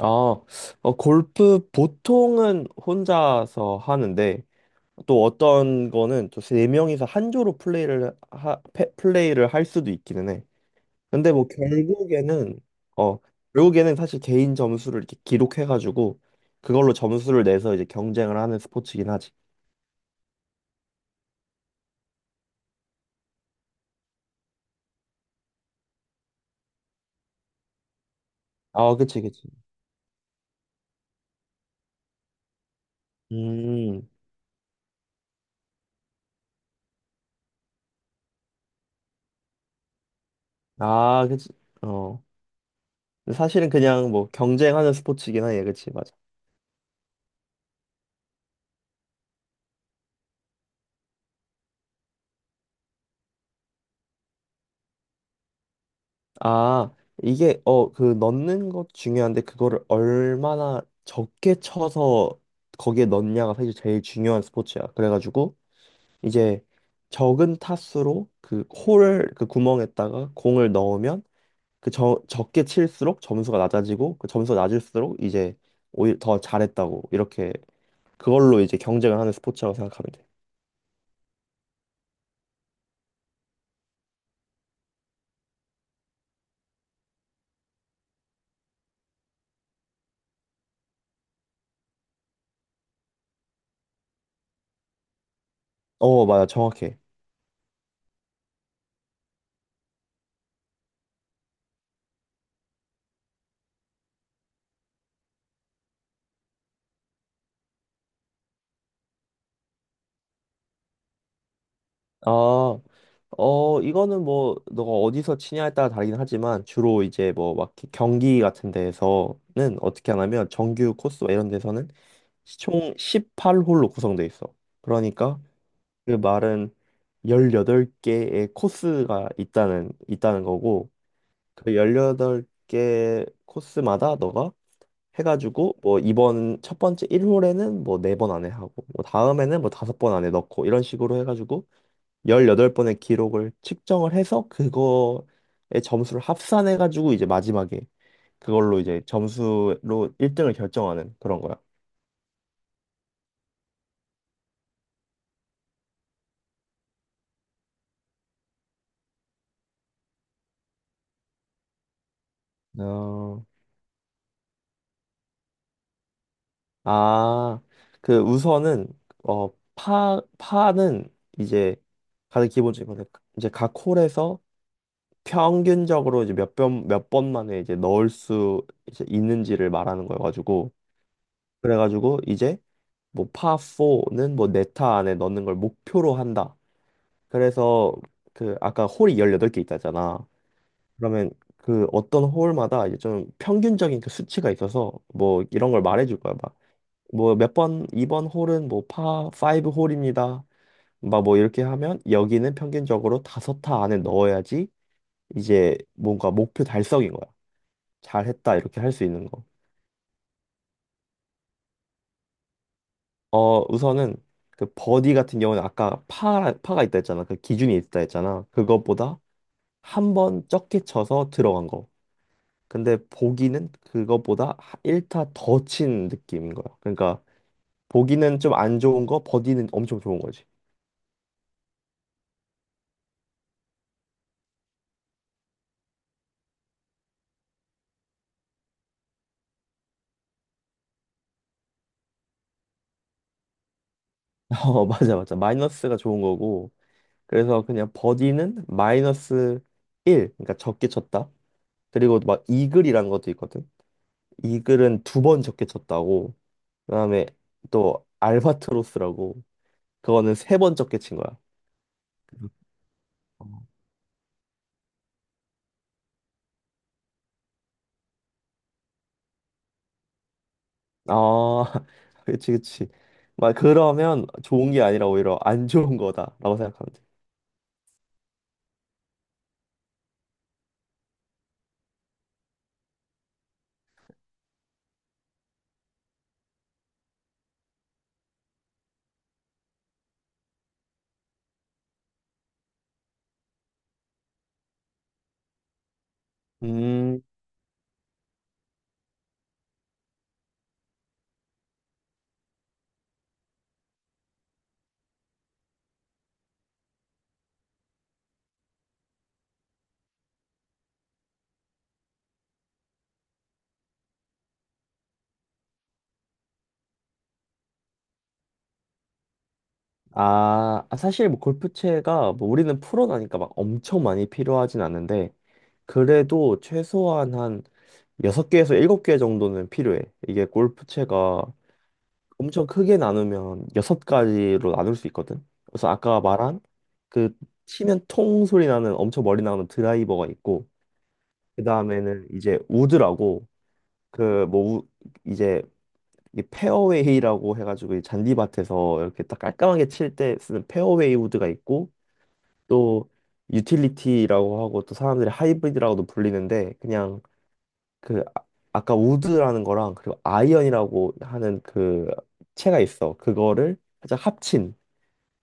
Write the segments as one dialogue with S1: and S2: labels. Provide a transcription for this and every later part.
S1: 아, 골프 보통은 혼자서 하는데 또 어떤 거는 또 3명이서 한 조로 플레이를 할 수도 있기는 해. 근데 뭐 어 결국에는 사실 개인 점수를 이렇게 기록해가지고 그걸로 점수를 내서 이제 경쟁을 하는 스포츠긴 하지. 아, 그치, 그치. 음, 아, 그치. 어, 사실은 그냥 뭐 경쟁하는 스포츠긴 하얘 그치, 맞아. 아, 이게 그 넣는 것 중요한데 그거를 얼마나 적게 쳐서 거기에 넣냐가 사실 제일 중요한 스포츠야. 그래가지고 이제 적은 타수로 그 홀을 그 구멍에다가 공을 넣으면 그 적게 칠수록 점수가 낮아지고 그 점수가 낮을수록 이제 오히려 더 잘했다고 이렇게 그걸로 이제 경쟁을 하는 스포츠라고 생각하면 돼. 어, 맞아. 정확해. 아, 이거는 뭐, 너가 어디서 치냐에 따라 다르긴 하지만, 주로 이제 뭐, 막 경기 같은 데에서는 어떻게 하냐면, 정규 코스 이런 데서는 총 18홀로 구성돼 있어. 그러니까 그 말은 18개의 코스가 있다는 거고, 그 18개 코스마다 너가 해가지고, 뭐, 이번 첫 번째 1홀에는 뭐, 4번 안에 하고, 뭐, 다음에는 뭐, 5번 안에 넣고, 이런 식으로 해가지고, 18번의 기록을 측정을 해서 그거의 점수를 합산해 가지고 이제 마지막에 그걸로 이제 점수로 1등을 결정하는 그런 거야. 어, 아, 그 우선은 어, 파 파는 이제 가장 기본적인 건데 이제 각 홀에서 평균적으로 이제 몇 번 만에 이제 넣을 수 이제 있는지를 말하는 거여 가지고 그래 가지고 이제 뭐 파4는 뭐 네타 안에 넣는 걸 목표로 한다. 그래서 그 아까 홀이 18개 있다잖아. 그러면 그 어떤 홀마다 이제 좀 평균적인 그 수치가 있어서 뭐 이런 걸 말해줄 거야. 막 뭐 몇 번, 이번 홀은 뭐파 브 홀입니다. 막 뭐 이렇게 하면 여기는 평균적으로 5타 안에 넣어야지 이제 뭔가 목표 달성인 거야. 잘했다 이렇게 할 수 있는 거. 우선은 그 버디 같은 경우는 아까 파 파가 있다 했잖아. 그 기준이 있다 했잖아. 그것보다 1번 적게 쳐서 들어간 거. 근데 보기는 그거보다 1타 더 친 느낌인 거야. 그러니까 보기는 좀 안 좋은 거, 버디는 엄청 좋은 거지. 어, 맞아, 맞아. 마이너스가 좋은 거고. 그래서 그냥 버디는 마이너스 1, 그러니까 적게 쳤다. 그리고 막 이글이라는 것도 있거든. 이글은 2번 적게 쳤다고. 그다음에 또 알바트로스라고. 그거는 3번 적게 친 거야. 아, 그치, 그치. 막 그러면 좋은 게 아니라 오히려 안 좋은 거다라고 생각하면 돼. 음, 사실 뭐 골프채가 뭐 우리는 프로라니까 막 엄청 많이 필요하진 않은데 그래도 최소한 한 6개에서 7개 정도는 필요해. 이게 골프채가 엄청 크게 나누면 6가지로 나눌 수 있거든. 그래서 아까 말한 그 치면 통 소리 나는 엄청 멀리 나오는 드라이버가 있고 그다음에는 이제 우드라고 그 뭐 이제 이 페어웨이라고 해가지고 이 잔디밭에서 이렇게 딱 깔끔하게 칠 때 쓰는 페어웨이 우드가 있고 또 유틸리티라고 하고 또 사람들이 하이브리드라고도 불리는데 그냥 그 아, 아까 우드라는 거랑 그리고 아이언이라고 하는 그 채가 있어. 그거를 살짝 합친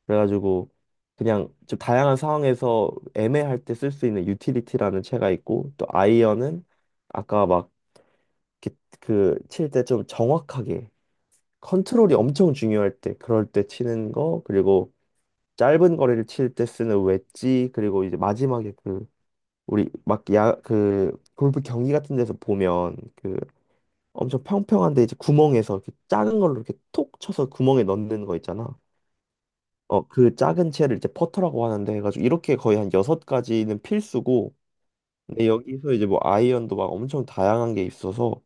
S1: 그래가지고 그냥 좀 다양한 상황에서 애매할 때 쓸 수 있는 유틸리티라는 채가 있고 또 아이언은 아까 막 그 칠 때 좀 정확하게 컨트롤이 엄청 중요할 때, 그럴 때 치는 거, 그리고 짧은 거리를 칠 때 쓰는 웨지, 그리고 이제 마지막에 그, 우리 막 야, 그, 골프 경기 같은 데서 보면 그 엄청 평평한데 이제 구멍에서 이렇게 작은 걸로 이렇게 톡 쳐서 구멍에 넣는 거 있잖아. 어, 그 작은 채를 이제 퍼터라고 하는데 해가지고 이렇게 거의 한 여섯 가지는 필수고, 근데 여기서 이제 뭐 아이언도 막 엄청 다양한 게 있어서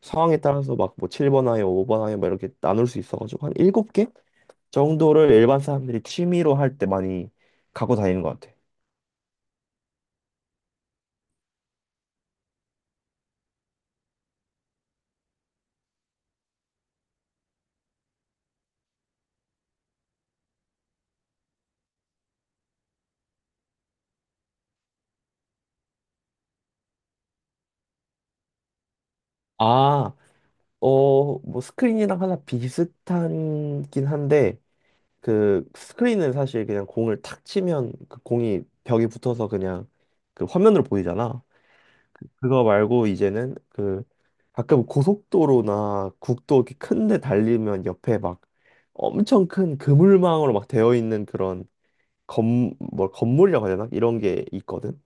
S1: 상황에 따라서 막 뭐 7번 아이언, 5번 아이언 막 이렇게 나눌 수 있어가지고 한 7개? 정도를 일반 사람들이 취미로 할 때 많이 갖고 다니는 것 같아. 아, 뭐 스크린이랑 하나 비슷한긴 한데 그 스크린은 사실 그냥 공을 탁 치면 그 공이 벽에 붙어서 그냥 그 화면으로 보이잖아. 그거 말고 이제는 그 가끔 고속도로나 국도 이렇게 큰데 달리면 옆에 막 엄청 큰 그물망으로 막 되어 있는 그런 건뭐 건물이라고 해야 되나? 이런 게 있거든.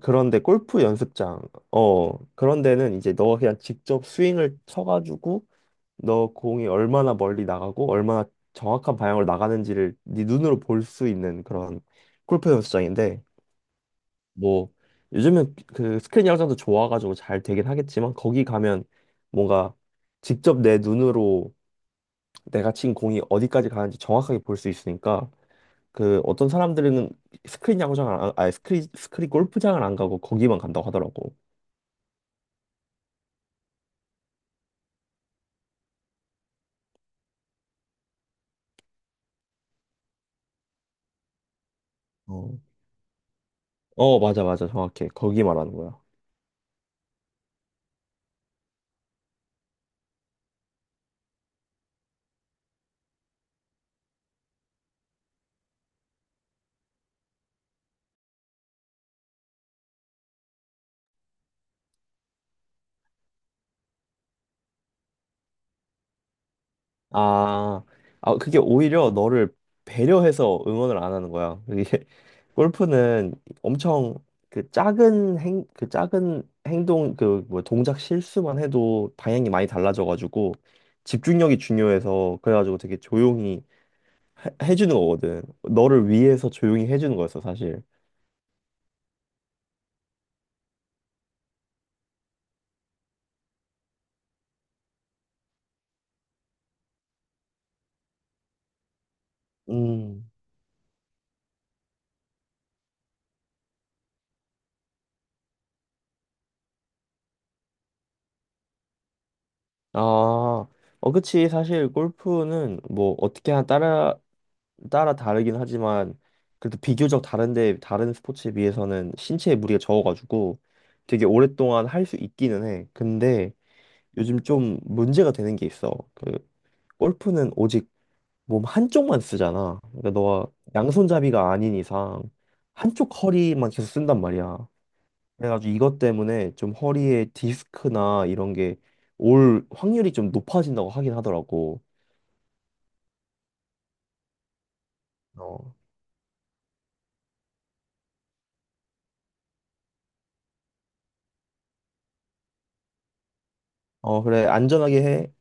S1: 그런데 골프 연습장, 어, 그런 데는 이제 너가 그냥 직접 스윙을 쳐가지고 너 공이 얼마나 멀리 나가고 얼마나 정확한 방향으로 나가는지를 네 눈으로 볼 수 있는 그런 골프 연습장인데 뭐 요즘은 그 스크린 야구장도 좋아가지고 잘 되긴 하겠지만 거기 가면 뭔가 직접 내 눈으로 내가 친 공이 어디까지 가는지 정확하게 볼 수 있으니까 그 어떤 사람들은 스크린 야구장을 아니 스크린 골프장을 안 가고 거기만 간다고 하더라고. 어. 어, 맞아, 맞아. 정확해. 거기 말하는 거야. 아, 아, 그게 오히려 너를 배려해서 응원을 안 하는 거야. 이게 골프는 엄청 그 작은 행동, 그 뭐 동작 실수만 해도 방향이 많이 달라져가지고 집중력이 중요해서 그래가지고 되게 조용히 해주는 거거든. 너를 위해서 조용히 해주는 거였어, 사실. 음. 아, 그치. 사실 골프는 뭐 어떻게 하나 따라 다르긴 하지만 그래도 비교적 다른데 다른 스포츠에 비해서는 신체에 무리가 적어가지고 되게 오랫동안 할 수 있기는 해. 근데 요즘 좀 문제가 되는 게 있어. 그 골프는 오직 몸 한쪽만 쓰잖아. 그러니까 너가 양손잡이가 아닌 이상 한쪽 허리만 계속 쓴단 말이야. 그래가지고 이것 때문에 좀 허리에 디스크나 이런 게 올 확률이 좀 높아진다고 하긴 하더라고. 어, 어, 그래. 안전하게 해.